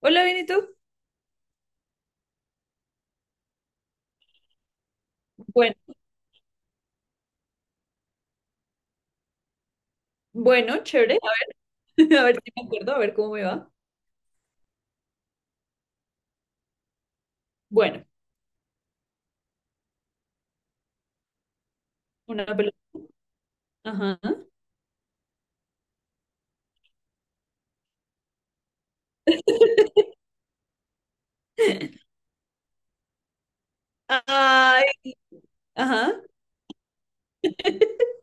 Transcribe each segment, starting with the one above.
Hola, bien, ¿y tú? Bueno, bueno, chévere. A ver si me acuerdo, a ver cómo me va. Bueno, una pelota. Ajá. Ay, ajá.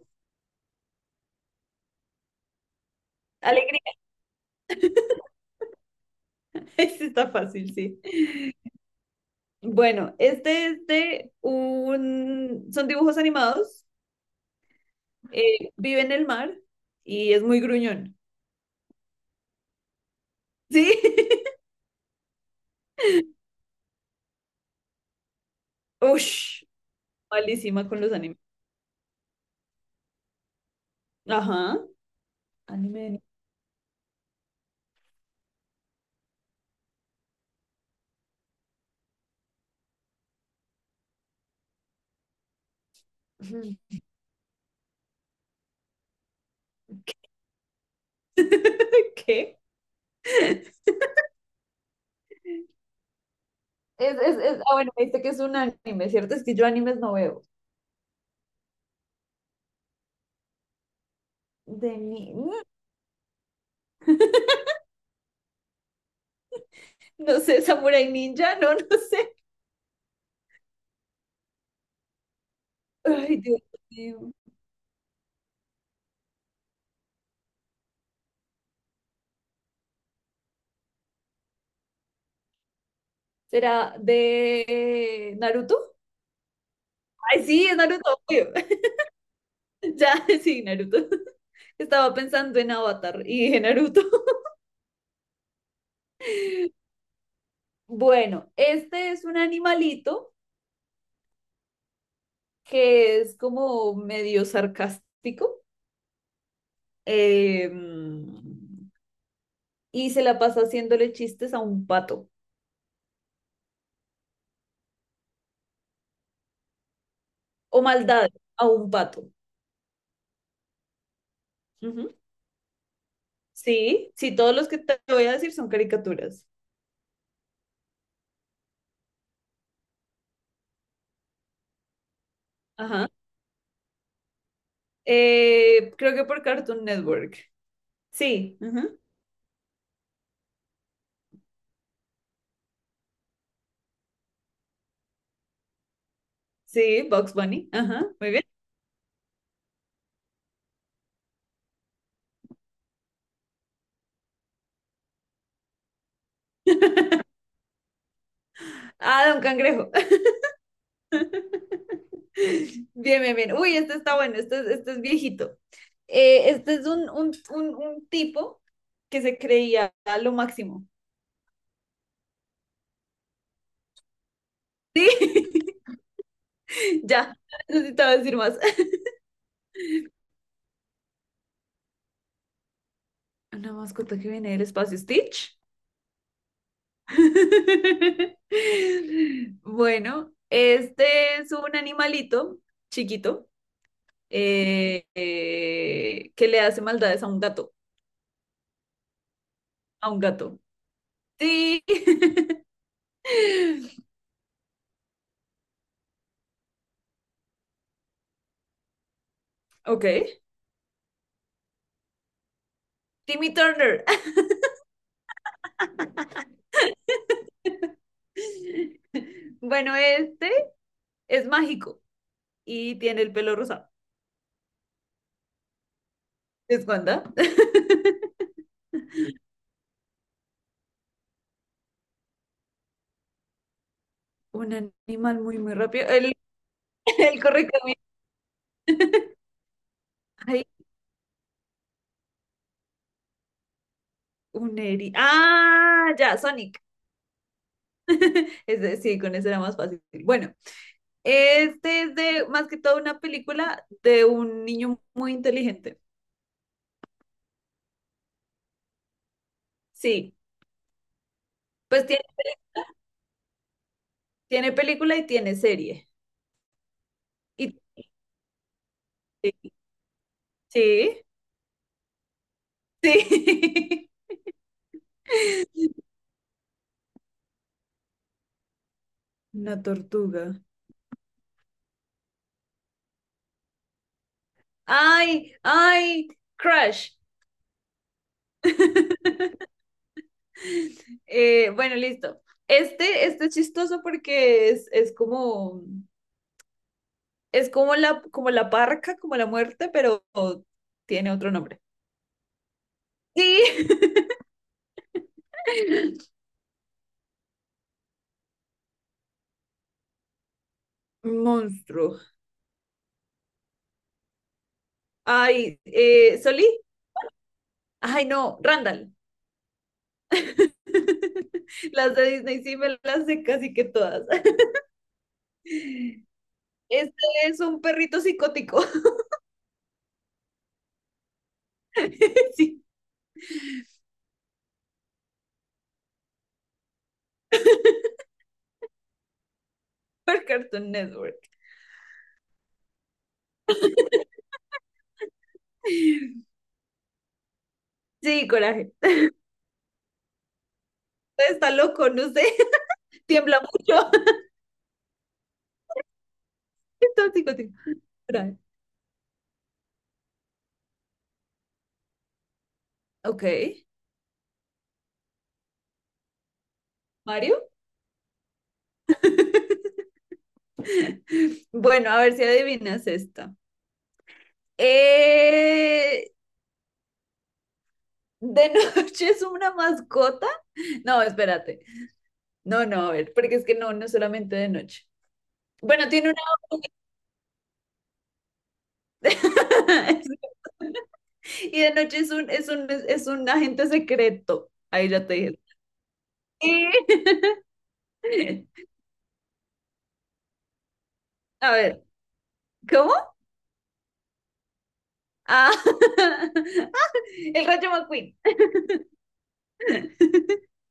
Alegría. Este está fácil, sí. Bueno, este es de un... Son dibujos animados. Vive en el mar y es muy gruñón. ¿Sí? Ush, malísima con los animes. Ajá. Anime. de- ¿Qué? Es, bueno, me dijiste que es un anime, ¿cierto? Es que yo animes no veo. De ni... No sé, Samurai Ninja, no, no sé. Ay, Dios mío. ¿Será de Naruto? Ay, sí, es Naruto, obvio. Ya, sí, Naruto. Estaba pensando en Avatar y dije Naruto. Bueno, este es un animalito que es como medio sarcástico eh, y se la pasa haciéndole chistes a un pato o maldades a un pato. Sí, sí, todos los que te voy a decir son caricaturas. Ajá. Creo que por Cartoon Network. Sí, ajá. Sí, Bugs Bunny. Ajá, muy bien. Ah, Don Cangrejo. Bien, bien, bien. Uy, este está bueno, este es viejito. Este es un, un tipo que se creía a lo máximo. Sí, ya, no necesitaba decir más. Una mascota que viene del espacio, Stitch. Bueno, este es un animalito chiquito que le hace maldades a un gato, a un gato. Sí. Ok. Timmy Turner. Bueno, este es mágico y tiene el pelo rosado. ¿Es Wanda? Un animal muy, muy rápido. El, el correcamino. Ay, un eri. Ah, ya, Sonic. Es decir con eso era más fácil. Bueno, este es de más que todo una película de un niño muy inteligente. Sí, pues tiene, tiene película y tiene serie. Y, sí, sí. Una tortuga. Ay, ay, crush. Bueno, listo. Este es chistoso porque es como la parca, como la muerte, pero tiene otro nombre. Sí, monstruo. Ay, Solí. Ay, no, Randall. Las de Disney sí me las sé casi que todas. Este es un perrito psicótico. Sí, por Cartoon Network. Sí, coraje. Está loco, no sé. Tiembla mucho. Está psicótico. Coraje. Ok. ¿Mario? Bueno, a ver si adivinas esta. Eh, ¿De noche es una mascota? No, espérate. No, no, a ver, porque es que no, no solamente de noche. Bueno, tiene una... Y de noche es un, es un agente secreto. Ahí ya te dije. Sí. A ver, ¿cómo? Ah, el Rayo McQueen.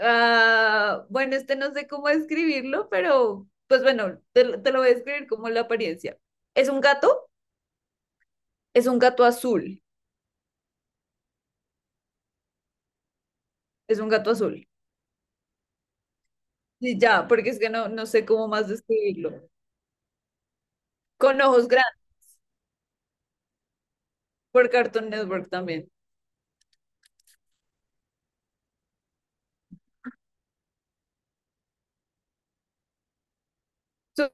Ah, bueno, este no sé cómo describirlo, pero pues bueno, te lo voy a describir como la apariencia. Es un gato, es un gato azul, es un gato azul. Y ya, porque es que no, no sé cómo más describirlo. Con ojos grandes, por Cartoon Network también. Su-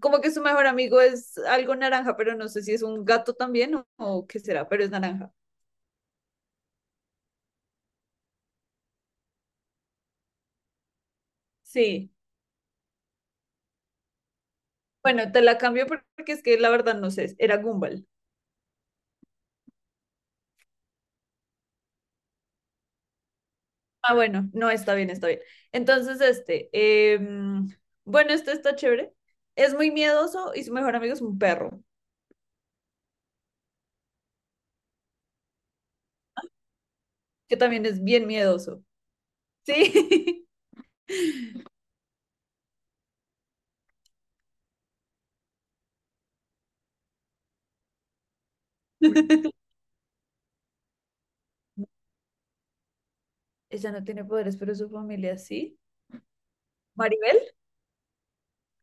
Como que su mejor amigo es algo naranja, pero no sé si es un gato también o qué será, pero es naranja. Sí. Bueno, te la cambio por- porque es que la verdad no sé, era Gumball. Ah, bueno, no, está bien, está bien. Entonces, este, em, bueno, este está chévere. Es muy miedoso y su mejor amigo es un perro, que también es bien miedoso. Sí. Ella no tiene poderes, pero su familia sí. Maribel.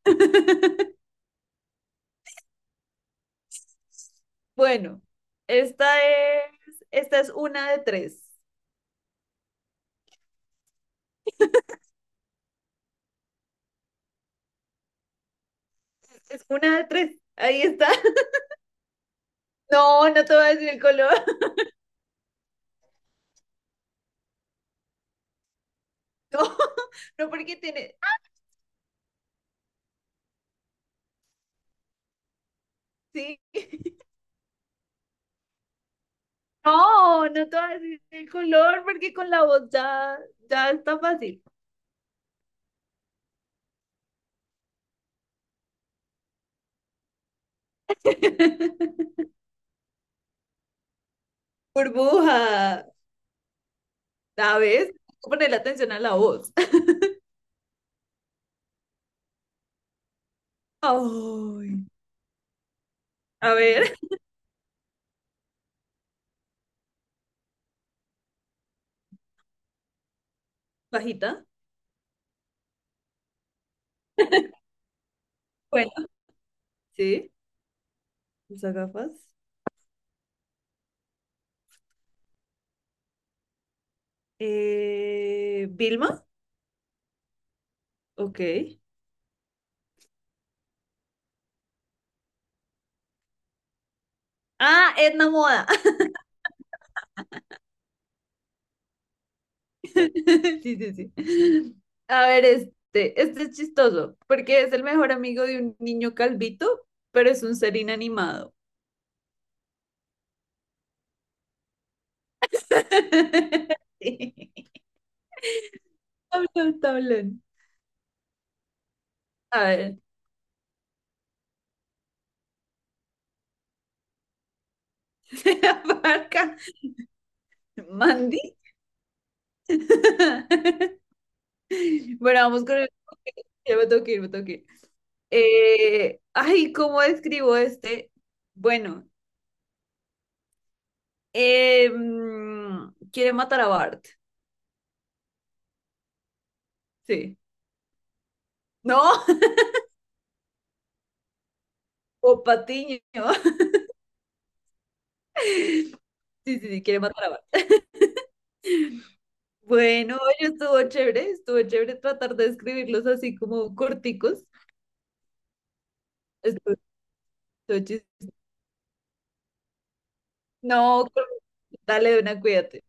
Bueno, esta es una de tres. Es una de tres. Ahí está. No, no te voy a decir el color. No, no porque tiene. Sí. No, no te voy a decir el color porque con la voz ya, ya está fácil. Burbuja. ¿Sabes? Hay que ponerle atención a la voz. Ay. A ver, bajita. Bueno. Sí. Usa gafas. Vilma. Ok. Ah, Edna Moda. Sí, sí, sí. A ver, este es chistoso, porque es el mejor amigo de un niño calvito, pero es un ser inanimado. Sí. Tablón, tablón. A ver, se abarca Mandy. Bueno, vamos con el... Ya me tengo que ir, me tengo que ir. Ay, ¿cómo describo este? Bueno, quiere matar a Bart. Sí. No. O Patiño. Sí, sí, sí, quiere matar a Bart. Bueno, oye, estuvo chévere tratar de escribirlos así como corticos. Estuvo- estuvo chis- No, dale, una, cuídate.